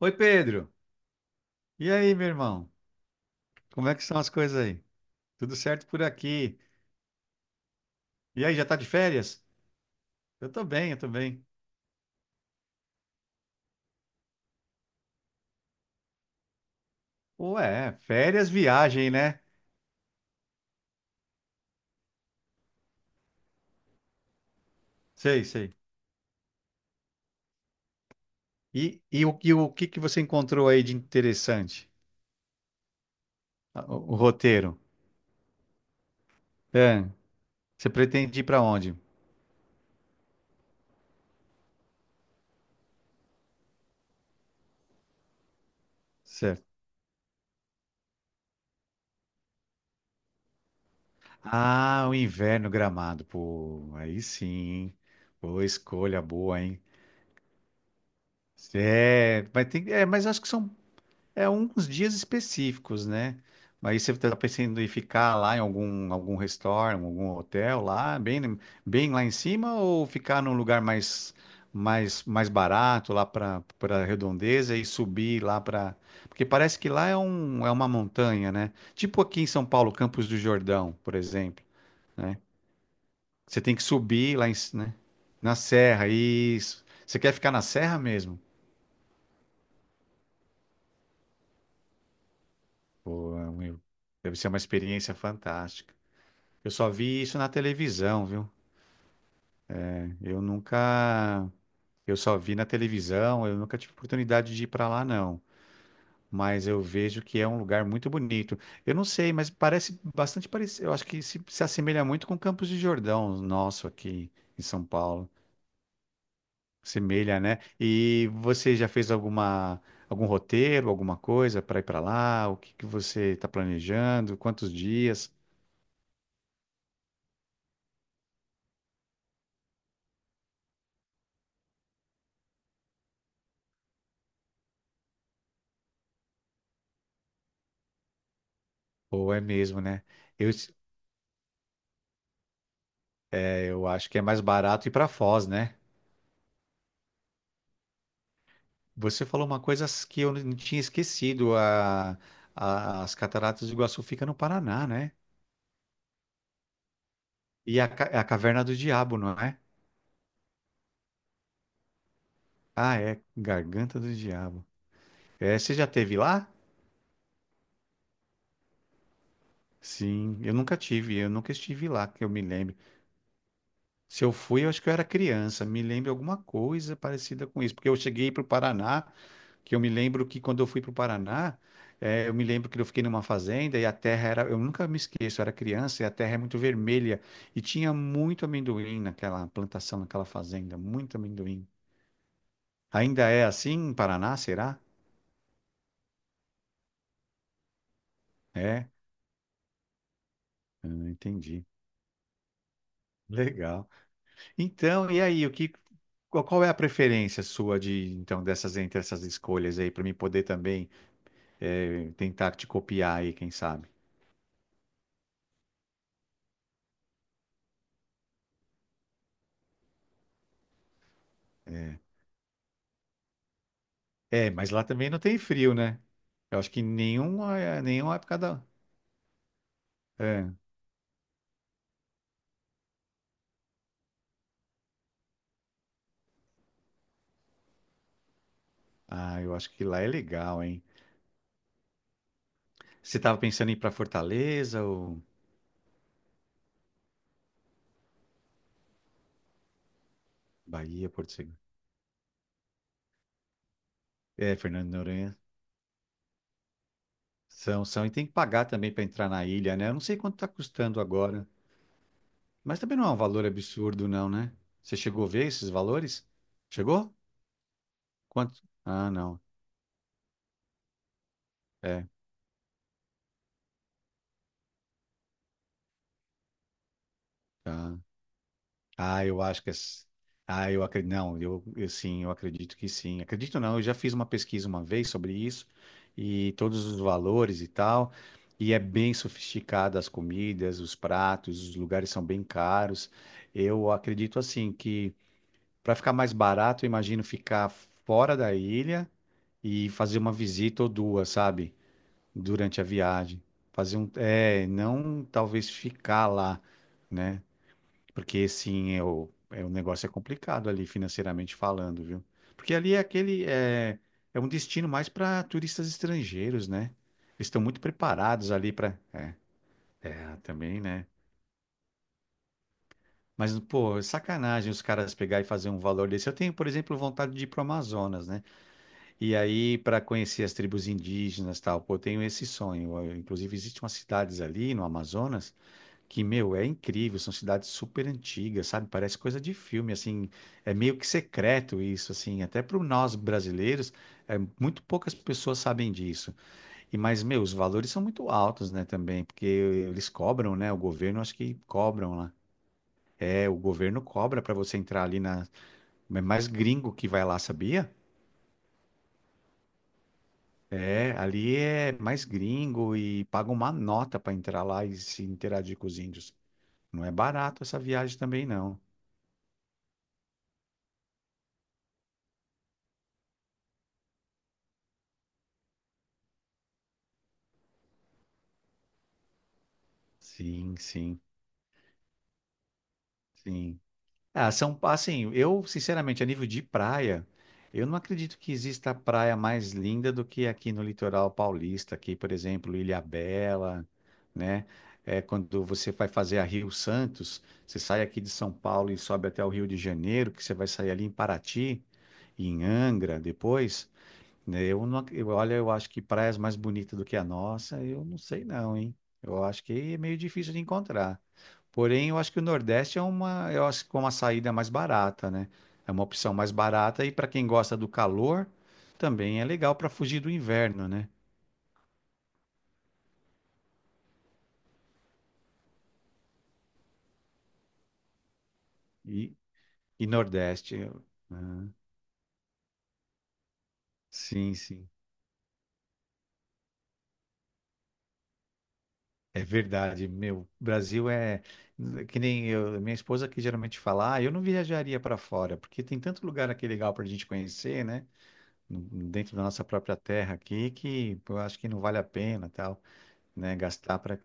Oi, Pedro. E aí, meu irmão? Como é que são as coisas aí? Tudo certo por aqui? E aí, já tá de férias? Eu tô bem. Ué, férias, viagem, né? Sei, sei. E o que que você encontrou aí de interessante? Ah, o roteiro. É, você pretende ir pra onde? Certo. Ah, o inverno Gramado. Pô, aí sim. Pô, escolha boa, hein? É, mas tem, é, mas acho que são é uns dias específicos, né? Mas você está pensando em ficar lá em algum restaurant, algum hotel lá, bem, bem lá em cima, ou ficar num lugar mais barato, lá para redondeza e subir lá para. Porque parece que lá é uma montanha, né? Tipo aqui em São Paulo, Campos do Jordão, por exemplo, né? Você tem que subir lá em, né? Na serra, isso. Você quer ficar na serra mesmo? Pô, meu, deve ser uma experiência fantástica. Eu só vi isso na televisão, viu? Eu nunca. Eu só vi na televisão, eu nunca tive oportunidade de ir para lá, não. Mas eu vejo que é um lugar muito bonito. Eu não sei, mas parece bastante parecido. Eu acho que se assemelha muito com Campos de Jordão, nosso aqui em São Paulo. Semelha, né? E você já fez alguma, algum roteiro, alguma coisa para ir para lá? O que que você está planejando? Quantos dias? Ou é mesmo, né? Eu, eu acho que é mais barato ir para Foz, né? Você falou uma coisa que eu não tinha esquecido. As Cataratas do Iguaçu fica no Paraná, né? É a Caverna do Diabo, não é? Ah, é. Garganta do Diabo. É, você já teve lá? Sim, eu nunca tive. Eu nunca estive lá, que eu me lembro. Se eu fui, eu acho que eu era criança. Me lembro alguma coisa parecida com isso. Porque eu cheguei para o Paraná que eu me lembro que quando eu fui para o Paraná, eu me lembro que eu fiquei numa fazenda e a terra era, eu nunca me esqueço, eu era criança e a terra é muito vermelha e tinha muito amendoim naquela plantação, naquela fazenda, muito amendoim. Ainda é assim em Paraná, será? É, entendi. Legal. Então, e aí, o que, qual é a preferência sua de, então, dessas entre essas escolhas aí para mim poder também tentar te copiar aí, quem sabe? É. É, mas lá também não tem frio, né? Eu acho que nenhuma, nenhuma época da. É. Ah, eu acho que lá é legal, hein? Você tava pensando em ir pra Fortaleza ou Bahia, Porto Seguro? É, Fernando de Noronha. São, são. E tem que pagar também pra entrar na ilha, né? Eu não sei quanto tá custando agora. Mas também não é um valor absurdo, não, né? Você chegou a ver esses valores? Chegou? Quanto? Ah, não. É, tá. Ah, eu acho que. Ah, eu acredito. Não, eu sim, eu acredito que sim. Acredito não, eu já fiz uma pesquisa uma vez sobre isso e todos os valores e tal. E é bem sofisticado as comidas, os pratos, os lugares são bem caros. Eu acredito assim que para ficar mais barato, eu imagino ficar fora da ilha e fazer uma visita ou duas, sabe? Durante a viagem. Fazer um. É, não talvez ficar lá, né? Porque sim, é o negócio é complicado ali financeiramente falando, viu? Porque ali é um destino mais para turistas estrangeiros, né? Eles estão muito preparados ali para também, né? Mas, pô, é sacanagem os caras pegar e fazer um valor desse. Eu tenho, por exemplo, vontade de ir pro Amazonas, né? E aí, para conhecer as tribos indígenas, e tal, pô, eu tenho esse sonho. Eu, inclusive, existem umas cidades ali no Amazonas. Que, meu, é incrível, são cidades super antigas, sabe? Parece coisa de filme, assim, é meio que secreto isso, assim, até para nós brasileiros, é, muito poucas pessoas sabem disso. E mas, meu, os valores são muito altos, né, também, porque eles cobram, né? O governo acho que cobram lá. É, o governo cobra para você entrar ali na, é mais gringo que vai lá, sabia? É, ali é mais gringo e paga uma nota para entrar lá e se interagir com os índios. Não é barato essa viagem também, não. Sim, sim. Sim. Ah, são, assim, eu, sinceramente, a nível de praia, eu não acredito que exista praia mais linda do que aqui no litoral paulista, aqui, por exemplo, Ilhabela, né? É, quando você vai fazer a Rio Santos, você sai aqui de São Paulo e sobe até o Rio de Janeiro, que você vai sair ali em Paraty e em Angra depois, né? Eu não, olha, eu acho que praias mais bonitas do que a nossa, eu não sei não, hein? Eu acho que é meio difícil de encontrar. Porém, eu acho que o Nordeste é uma, eu acho que é uma saída mais barata, né? É uma opção mais barata e para quem gosta do calor, também é legal para fugir do inverno, né? E, e Nordeste, ah, sim, sim, é verdade. Meu, Brasil é que nem eu, minha esposa que geralmente fala, ah, eu não viajaria para fora, porque tem tanto lugar aqui legal para a gente conhecer, né? Dentro da nossa própria terra aqui, que eu acho que não vale a pena, tal, né? Gastar para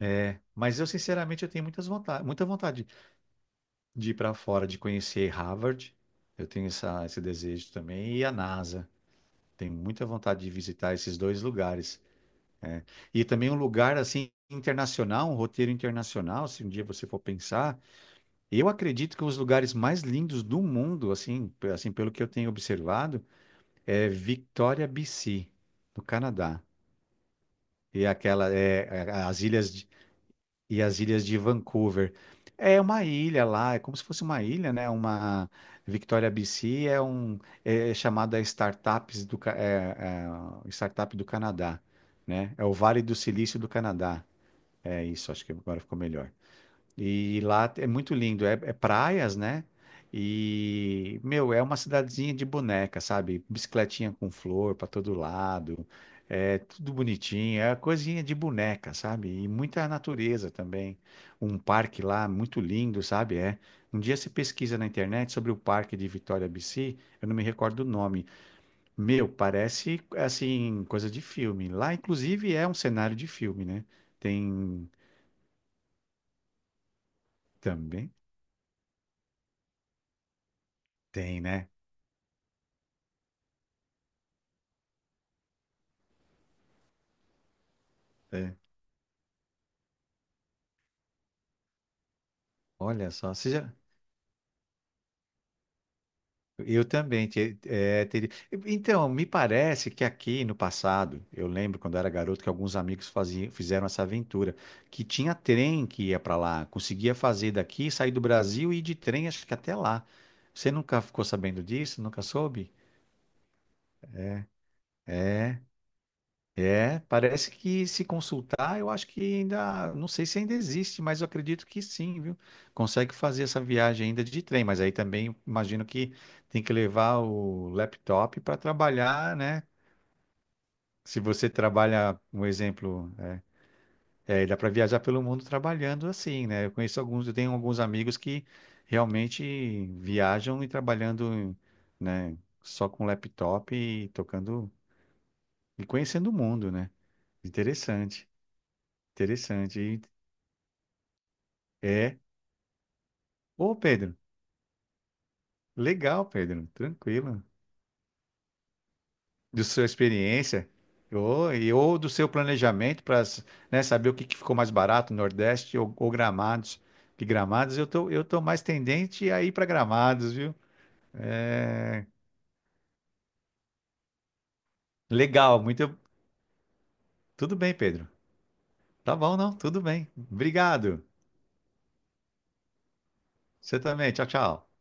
é, mas eu sinceramente eu tenho muitas vontade, muita vontade de ir para fora, de conhecer Harvard. Eu tenho esse desejo também e a NASA. Tenho muita vontade de visitar esses dois lugares. É. E também um lugar assim internacional, um roteiro internacional. Se um dia você for pensar, eu acredito que os lugares mais lindos do mundo, assim, assim pelo que eu tenho observado, é Victoria, BC, no Canadá. E é aquela, as ilhas e as ilhas de Vancouver. É uma ilha lá, é como se fosse uma ilha, né? Uma Victoria BC é chamada Startup do Canadá, né? É o Vale do Silício do Canadá. É isso, acho que agora ficou melhor. E lá é muito lindo, é praias, né? E, meu, é uma cidadezinha de boneca, sabe? Bicicletinha com flor para todo lado, é tudo bonitinho, é coisinha de boneca, sabe? E muita natureza também. Um parque lá muito lindo, sabe? É. Um dia você pesquisa na internet sobre o parque de Vitória BC, eu não me recordo o nome. Meu, parece assim, coisa de filme. Lá, inclusive, é um cenário de filme, né? Tem também, tem, né? É. Olha só, você já... Eu também. Teria... Então, me parece que aqui no passado, eu lembro quando eu era garoto que alguns amigos faziam, fizeram essa aventura, que tinha trem que ia para lá, conseguia fazer daqui, sair do Brasil e ir de trem, acho que até lá. Você nunca ficou sabendo disso? Nunca soube? É. É, parece que se consultar, eu acho que ainda, não sei se ainda existe, mas eu acredito que sim, viu? Consegue fazer essa viagem ainda de trem, mas aí também imagino que tem que levar o laptop para trabalhar, né? Se você trabalha, um exemplo, né? É, dá para viajar pelo mundo trabalhando assim, né? Eu conheço alguns, eu tenho alguns amigos que realmente viajam e trabalhando, né? Só com laptop e tocando e conhecendo o mundo, né? Interessante. Interessante, hein? É. Ô, Pedro, legal, Pedro, tranquilo. De sua experiência, ou, e, ou do seu planejamento para, saber o que, ficou mais barato, Nordeste ou Gramados. Que Gramados, eu tô mais tendente a ir para Gramados, viu? É, legal, muito. Tudo bem, Pedro. Tá bom, não? Tudo bem. Obrigado. Você também. Tchau, tchau.